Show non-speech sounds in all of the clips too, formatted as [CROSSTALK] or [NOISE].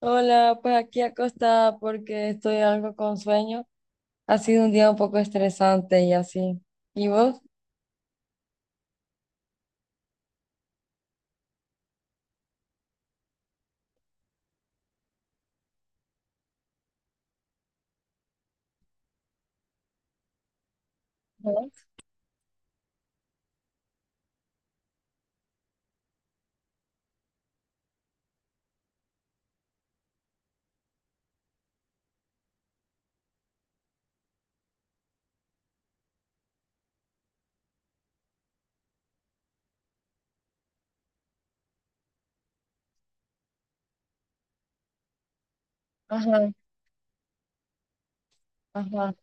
Hola, pues aquí acostada porque estoy algo con sueño. Ha sido un día un poco estresante y así. ¿Y vos? Ujú. Ajá, ajá.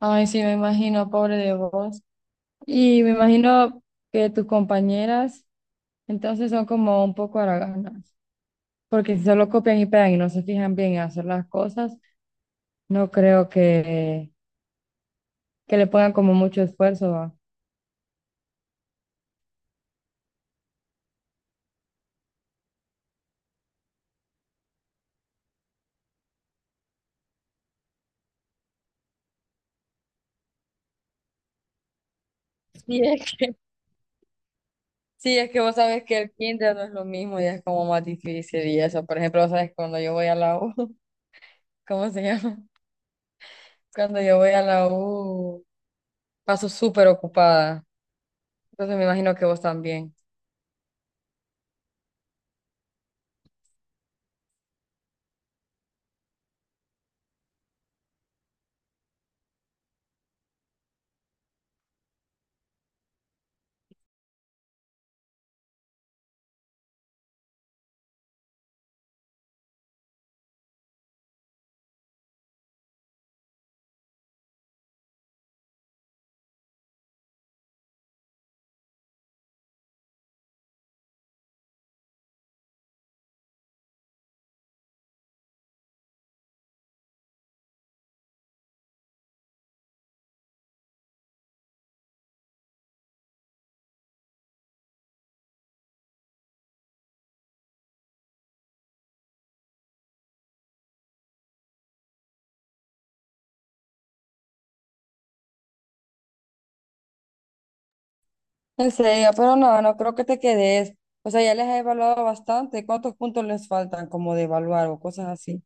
Ay, sí, me imagino, pobre de vos. Y me imagino que tus compañeras entonces son como un poco haraganas, porque si solo copian y pegan y no se fijan bien en hacer las cosas, no creo que le pongan como mucho esfuerzo, ¿va? Sí, es Sí, es que vos sabes que el kinder no es lo mismo, ya es como más difícil y eso. Por ejemplo, vos sabes cuando yo voy a la U, [LAUGHS] ¿cómo se llama? Cuando yo voy a la U, paso súper ocupada. Entonces me imagino que vos también. En serio, pero no, no creo que te quedes. O sea, ya les he evaluado bastante. ¿Cuántos puntos les faltan como de evaluar o cosas así?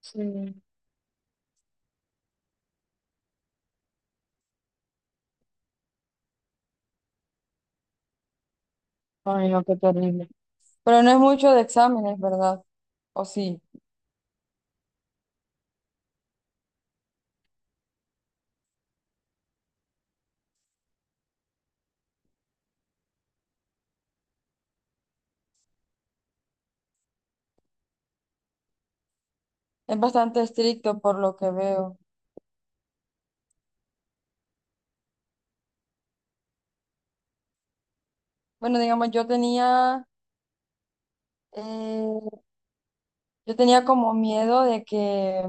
Sí. Ay, no, qué terrible. Pero no es mucho de exámenes, ¿verdad? O sí. Es bastante estricto por lo que veo. Bueno, digamos, yo tenía... Yo tenía como miedo de que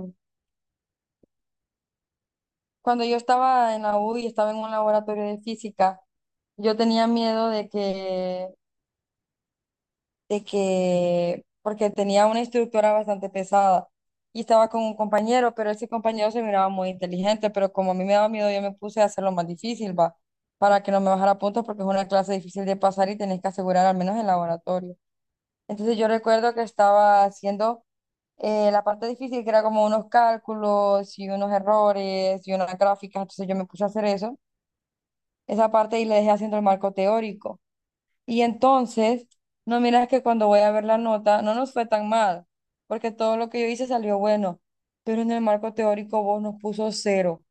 cuando yo estaba en la U y estaba en un laboratorio de física, yo tenía miedo de que, porque tenía una instructora bastante pesada y estaba con un compañero, pero ese compañero se miraba muy inteligente, pero como a mí me daba miedo, yo me puse a hacerlo más difícil, va, para que no me bajara puntos porque es una clase difícil de pasar y tenés que asegurar al menos el laboratorio. Entonces yo recuerdo que estaba haciendo la parte difícil, que era como unos cálculos y unos errores y unas gráficas. Entonces yo me puse a hacer eso, esa parte y le dejé haciendo el marco teórico. Y entonces, no miras que cuando voy a ver la nota, no nos fue tan mal, porque todo lo que yo hice salió bueno, pero en el marco teórico vos nos puso cero.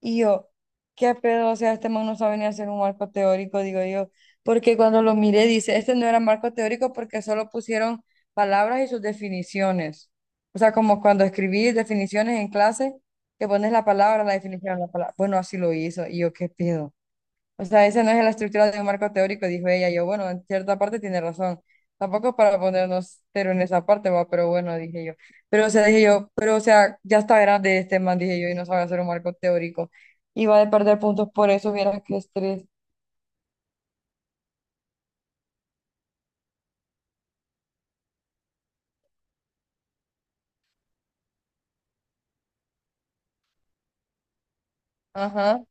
Y yo, qué pedo, o sea, este man no sabe ni hacer un marco teórico, digo yo, porque cuando lo miré dice, este no era marco teórico porque solo pusieron palabras y sus definiciones. O sea, como cuando escribí definiciones en clase, que pones la palabra, la definición, la palabra. Bueno, así lo hizo. Y yo, qué pedo. O sea, esa no es la estructura de un marco teórico, dijo ella. Yo, bueno, en cierta parte tiene razón. Tampoco es para ponernos cero en esa parte, va, pero bueno, dije yo. Pero, o sea, dije yo, pero, o sea, ya está grande este man, dije yo, y no sabe hacer un marco teórico. Y va a perder puntos por eso, viera qué estrés. Ajá,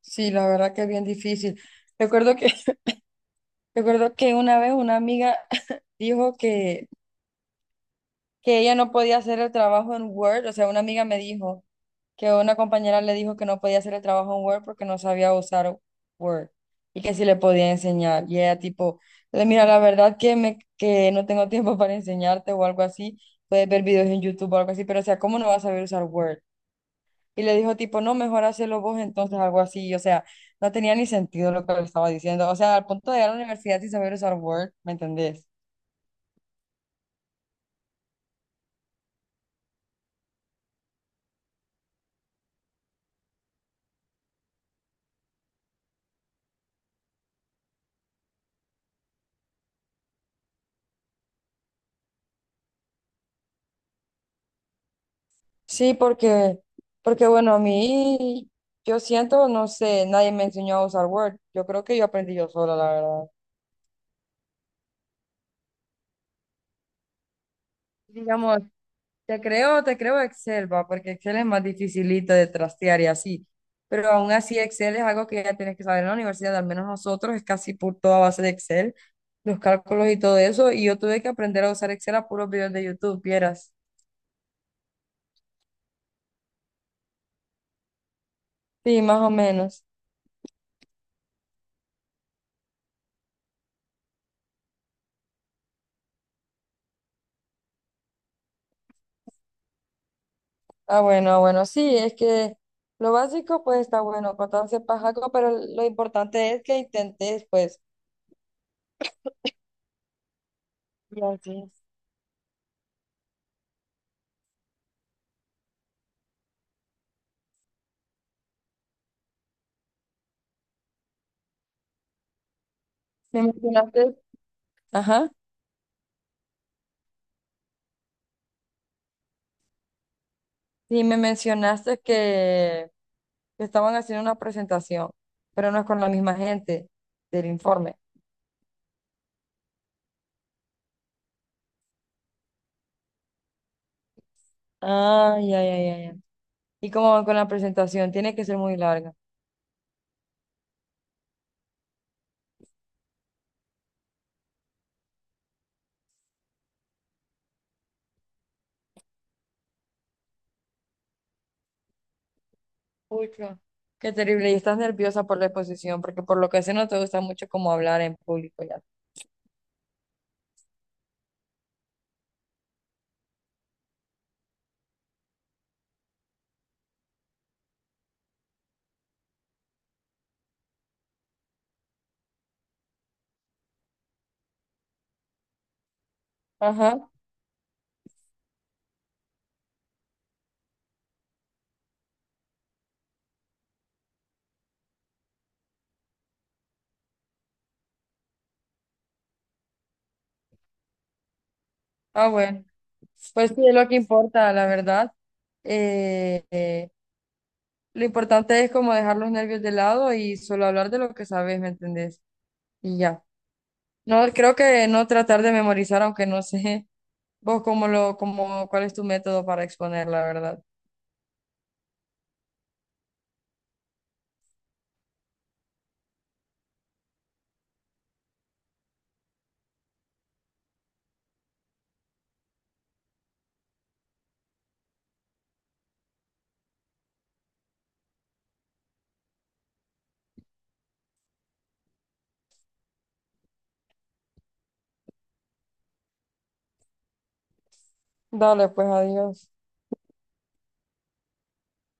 sí, la verdad que es bien difícil. Recuerdo que, [LAUGHS] recuerdo que una vez una amiga [LAUGHS] dijo que ella no podía hacer el trabajo en Word, o sea, una amiga me dijo que una compañera le dijo que no podía hacer el trabajo en Word porque no sabía usar Word y que sí le podía enseñar. Y ella tipo, mira, la verdad que no tengo tiempo [LAUGHS] para enseñarte o algo así, puedes ver videos en YouTube o algo así, pero o sea, ¿cómo no vas a saber usar Word? Y le dijo tipo, no, mejor hacerlo vos entonces, algo así. Y, o sea, no tenía ni sentido lo que le estaba diciendo. O sea, al punto de ir a la universidad sin saber usar Word, ¿me entendés? Sí, porque bueno, a mí, yo siento, no sé, nadie me enseñó a usar Word. Yo creo que yo aprendí yo sola, la verdad. Digamos, te creo Excel, va, porque Excel es más dificilito de trastear y así. Pero aún así, Excel es algo que ya tienes que saber en la universidad, al menos nosotros, es casi por toda base de Excel, los cálculos y todo eso. Y yo tuve que aprender a usar Excel a puros videos de YouTube, vieras. Sí, más o menos. Ah, bueno, ah, bueno, sí, es que lo básico pues está bueno, cortarse pajaco, pero lo importante es que intentes, pues, gracias. Me mencionaste, ajá, sí, me mencionaste que estaban haciendo una presentación, pero no es con la misma gente del informe. Ah, ya, ya, ya, ya. ¿Y cómo van con la presentación? Tiene que ser muy larga. Pucha. Qué terrible, y estás nerviosa por la exposición, porque por lo que sé no te gusta mucho como hablar en público ya. Ajá. Ah, bueno. Pues sí, es lo que importa, la verdad. Eh, eh, lo importante es como dejar los nervios de lado y solo hablar de lo que sabes, ¿me entendés? Y ya. No, creo que no tratar de memorizar, aunque no sé [LAUGHS] vos cómo cómo, ¿cuál es tu método para exponer, la verdad? Dale, pues, adiós.